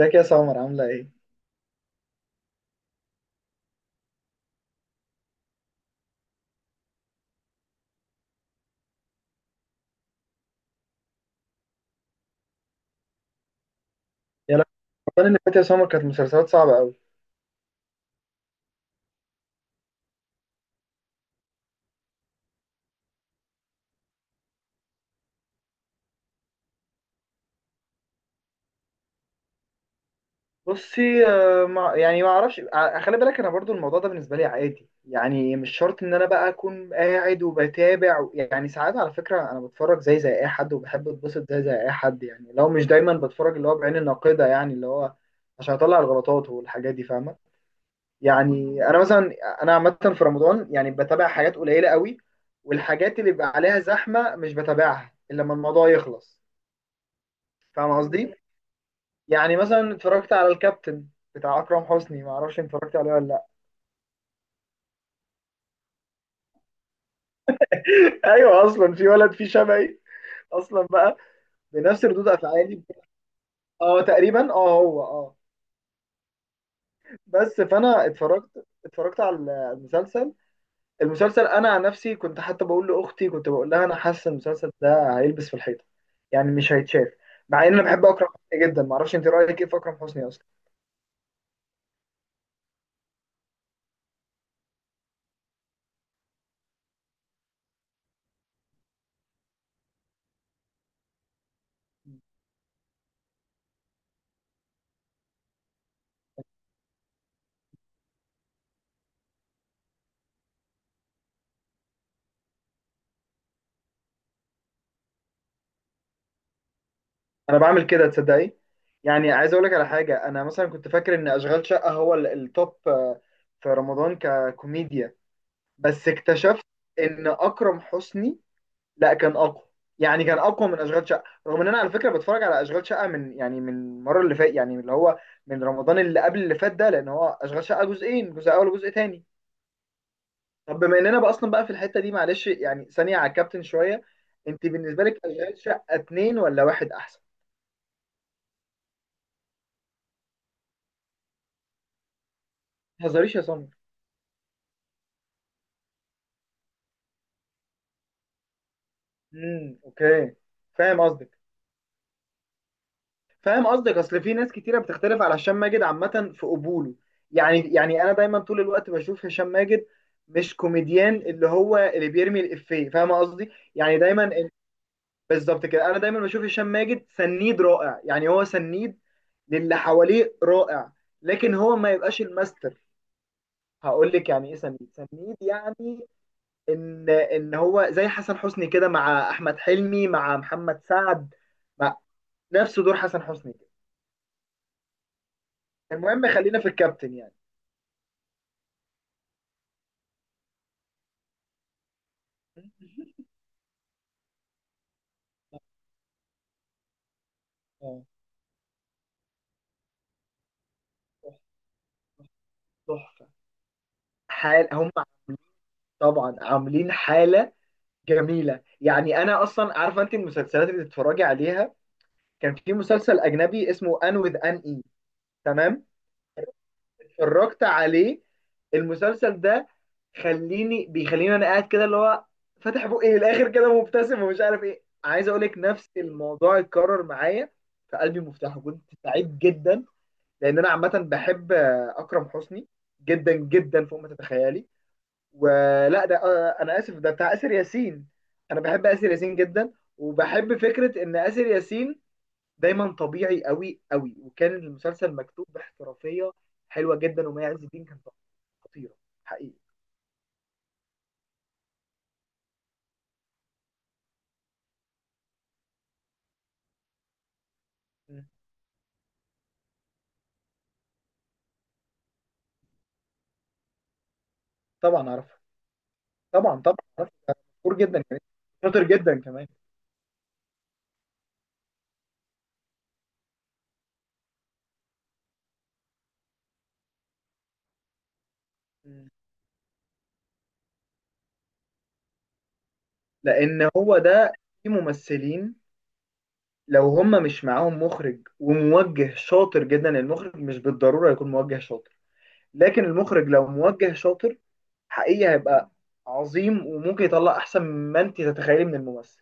ازيك يا سمر عاملة ايه؟ يا لا. رمضان اللي فات يا سمر كانت مسلسلات صعبة قوي. بصي ما اعرفش خلي بالك انا برضو الموضوع ده بالنسبة لي عادي، يعني مش شرط ان انا بقى اكون قاعد وبتابع. يعني ساعات على فكرة انا بتفرج زي اي حد وبحب اتبسط زي اي حد، يعني لو مش دايما بتفرج اللي هو بعين الناقدة، يعني اللي هو عشان اطلع الغلطات والحاجات دي، فاهمة؟ يعني انا مثلا، انا عامة في رمضان يعني بتابع حاجات قليلة قوي، والحاجات اللي بيبقى عليها زحمة مش بتابعها الا لما الموضوع يخلص. فاهم قصدي؟ يعني مثلا اتفرجت على الكابتن بتاع اكرم حسني، ما اعرفش انت اتفرجت عليه ولا لا. ايوه، اصلا في ولد فيه شبهي اصلا بقى، بنفس ردود افعالي. اه تقريبا، اه هو، اه. بس فانا اتفرجت على المسلسل. المسلسل انا عن نفسي كنت حتى بقول لاختي، كنت بقول لها انا حاسه المسلسل ده هيلبس في الحيطه، يعني مش هيتشاف. مع ان انا بحب اكرم حسني جدا. ما اعرفش انت رايك ايه في اكرم حسني اصلا. انا بعمل كده تصدقي. يعني عايز اقول لك على حاجه: انا مثلا كنت فاكر ان اشغال شقه هو التوب في رمضان ككوميديا، بس اكتشفت ان اكرم حسني لا، كان اقوى. يعني كان اقوى من اشغال شقه، رغم ان انا على فكره بتفرج على اشغال شقه من، يعني من المره اللي فات، يعني اللي هو من رمضان اللي قبل اللي فات ده، لان هو اشغال شقه جزئين: جزء اول وجزء تاني. طب بما اننا بقى اصلا بقى في الحته دي معلش، يعني ثانيه على الكابتن شويه، انت بالنسبه لك اشغال شقه اتنين ولا واحد احسن؟ ما تهزريش يا صنم. امم، اوكي. فاهم قصدك، فاهم قصدك. اصل في ناس كتيره بتختلف على هشام ماجد عامه في قبوله. يعني انا دايما طول الوقت بشوف هشام ماجد مش كوميديان اللي هو اللي بيرمي الافيه، فاهم قصدي؟ يعني دايما بالظبط كده، انا دايما بشوف هشام ماجد سنيد رائع، يعني هو سنيد للي حواليه رائع، لكن هو ما يبقاش الماستر. هقول لك يعني ايه سنيد. سنيد يعني ان هو زي حسن حسني كده مع احمد حلمي مع محمد سعد، نفس دور حسن حسني كده. المهم خلينا في الكابتن يعني. اه تحفه. حال هم، طبعا عاملين حاله جميله. يعني انا اصلا عارفه انت المسلسلات اللي بتتفرجي عليها. كان في مسلسل اجنبي اسمه ان وذ ان اي، تمام؟ اتفرجت عليه المسلسل ده؟ خليني، بيخليني انا قاعد كده اللي هو فاتح بقي للاخر كده مبتسم ومش عارف ايه. عايز اقول لك نفس الموضوع اتكرر معايا. فقلبي مفتوح، كنت سعيد جدا. لان انا عامه بحب اكرم حسني جدا جدا، فوق ما تتخيلي. ولا ده انا اسف، ده بتاع اسر ياسين. انا بحب اسر ياسين جدا، وبحب فكره ان اسر ياسين دايما طبيعي قوي قوي، وكان المسلسل مكتوب باحترافيه حلوه جدا، ومي عز الدين كانت خطيره. حقيقي. م. طبعا عارفها، طبعا طبعا عارفها. ده مشهور جدا كمان، شاطر جدا كمان. م. لان هو ده، في ممثلين لو هم مش معاهم مخرج وموجه شاطر جدا. المخرج مش بالضرورة يكون موجه شاطر، لكن المخرج لو موجه شاطر، حقيقي هيبقى عظيم، وممكن يطلع احسن ما انت تتخيلي من الممثل.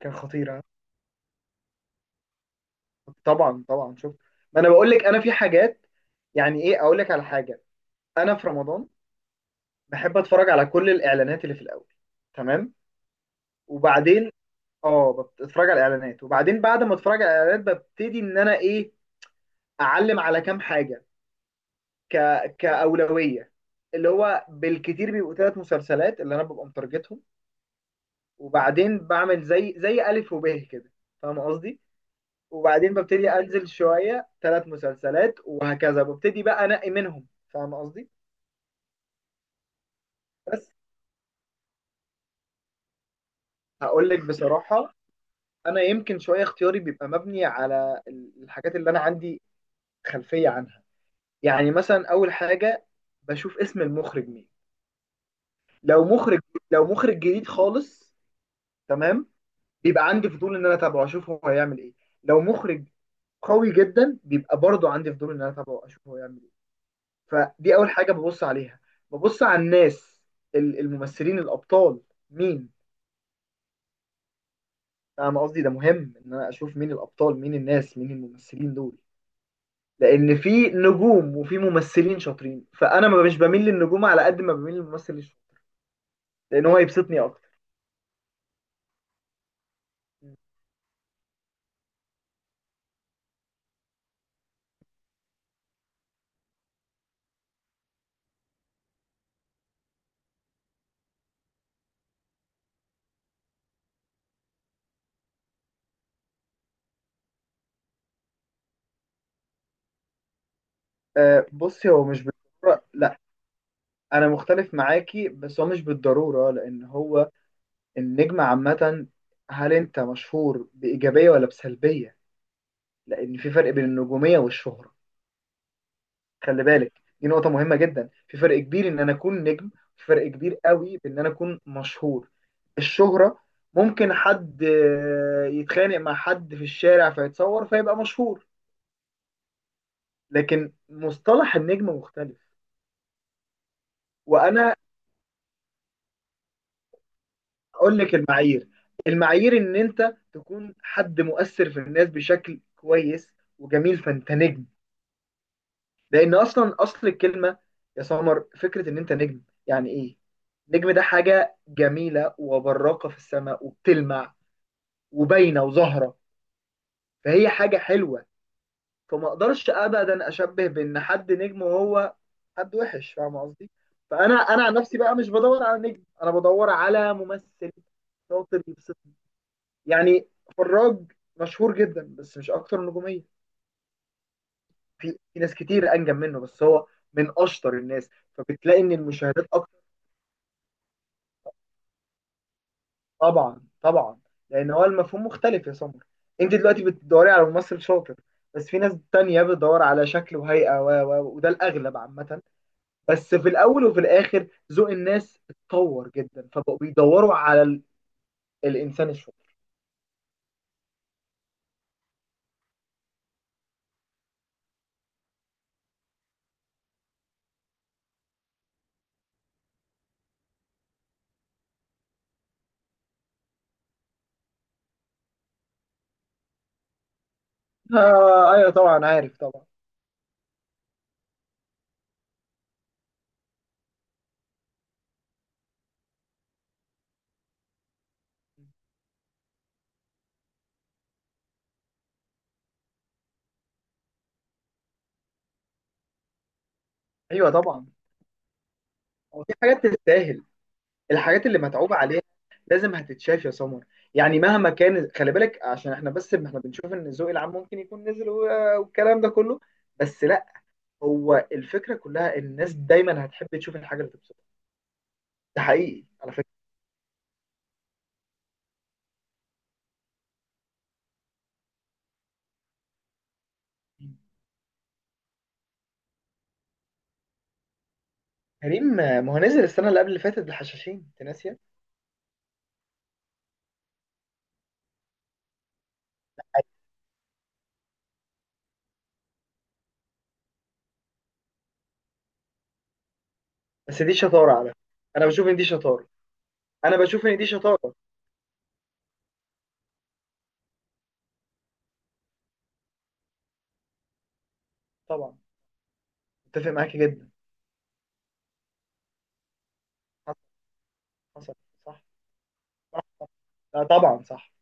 كان خطير ها؟ طبعا طبعا. شوف، ما انا بقول لك، انا في حاجات. يعني ايه اقول لك على حاجة، انا في رمضان بحب اتفرج على كل الاعلانات اللي في الاول، تمام؟ وبعدين اه، بتفرج على الاعلانات، وبعدين بعد ما اتفرج على الاعلانات ببتدي ان انا ايه، اعلم على كام حاجة ك كأولوية، اللي هو بالكتير بيبقوا ثلاث مسلسلات اللي انا ببقى مترجتهم. وبعدين بعمل زي ألف وب كده، فاهم قصدي؟ وبعدين ببتدي انزل شوية ثلاث مسلسلات، وهكذا ببتدي بقى انقي منهم، فاهم قصدي؟ بس هقول لك بصراحة، انا يمكن شوية اختياري بيبقى مبني على الحاجات اللي انا عندي خلفية عنها. يعني مثلا اول حاجة بشوف اسم المخرج مين. لو مخرج، لو مخرج جديد خالص، تمام، بيبقى عندي فضول ان انا اتابعه اشوف هو هيعمل ايه. لو مخرج قوي جدا، بيبقى برضه عندي فضول ان انا اتابعه اشوف هو هيعمل ايه. فدي اول حاجه ببص عليها. ببص على الناس، الممثلين الابطال مين. انا قصدي ده مهم ان انا اشوف مين الابطال، مين الناس، مين الممثلين دول. لان في نجوم وفي ممثلين شاطرين، فانا ما مش بميل للنجوم على قد ما بميل للممثل الشاطر، لان هو يبسطني اكتر. بصي، هو مش بالضروره لا. انا مختلف معاكي، بس هو مش بالضروره، لان هو النجم عامة، هل أنت مشهور بإيجابية ولا بسلبية؟ لأن في فرق بين النجومية والشهرة. خلي بالك، دي نقطة مهمة جدا. في فرق كبير إن أنا أكون نجم، في فرق كبير قوي بإن أنا أكون مشهور. الشهرة ممكن حد يتخانق مع حد في الشارع فيتصور فيبقى مشهور، لكن مصطلح النجم مختلف. وأنا أقول لك المعايير. المعايير إن أنت تكون حد مؤثر في الناس بشكل كويس وجميل، فأنت نجم. لان اصلا اصل الكلمه يا سمر، فكره ان انت نجم يعني ايه؟ نجم ده حاجه جميله وبراقه في السماء، وبتلمع وباينه وظاهره، فهي حاجه حلوه. فما اقدرش ابدا اشبه بان حد نجم وهو حد وحش، فاهم قصدي؟ فانا عن نفسي بقى مش بدور على نجم، انا بدور على ممثل شاطر يبسطني. يعني فراج مشهور جدا، بس مش اكتر نجوميه. في ناس كتير انجم منه، بس هو من اشطر الناس، فبتلاقي ان المشاهدات. طبعا طبعا. لان هو المفهوم مختلف يا سمر. انت دلوقتي بتدوري على ممثل شاطر، بس في ناس تانية بتدور على شكل وهيئة وده الأغلب عامة. بس في الأول وفي الآخر ذوق الناس اتطور جدا، فبقوا بيدوروا على الإنسان الشاطر. آه أيوه طبعا عارف، طبعا. أيوه طبعا، هو في حاجات تستاهل. الحاجات اللي متعوب عليها لازم هتتشاف يا سمر، يعني مهما كان. خلي بالك، عشان احنا بس احنا بنشوف ان الذوق العام ممكن يكون نزل، والكلام ده كله، بس لا. هو الفكره كلها ان الناس دايما هتحب تشوف الحاجه اللي تبسطها، ده حقيقي على فكره. كريم ما هو نزل السنه اللي قبل اللي فاتت الحشاشين، انت ناسيه؟ بس دي شطاره على فكره. انا بشوف ان دي شطاره، انا بشوف ان دي شطاره. طبعا، متفق معاكي جدا. حصل، حصل. صح، صح. لا طبعا صح.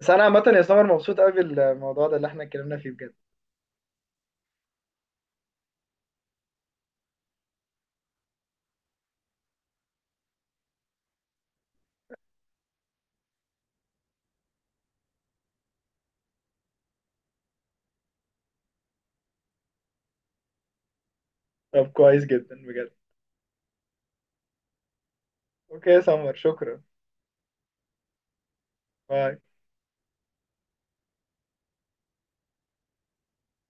بس انا عامه يا سمر مبسوط قوي بالموضوع ده اللي احنا اتكلمنا فيه بجد. طب كويس جدا بجد. اوكي يا سمر، شكرا. باي.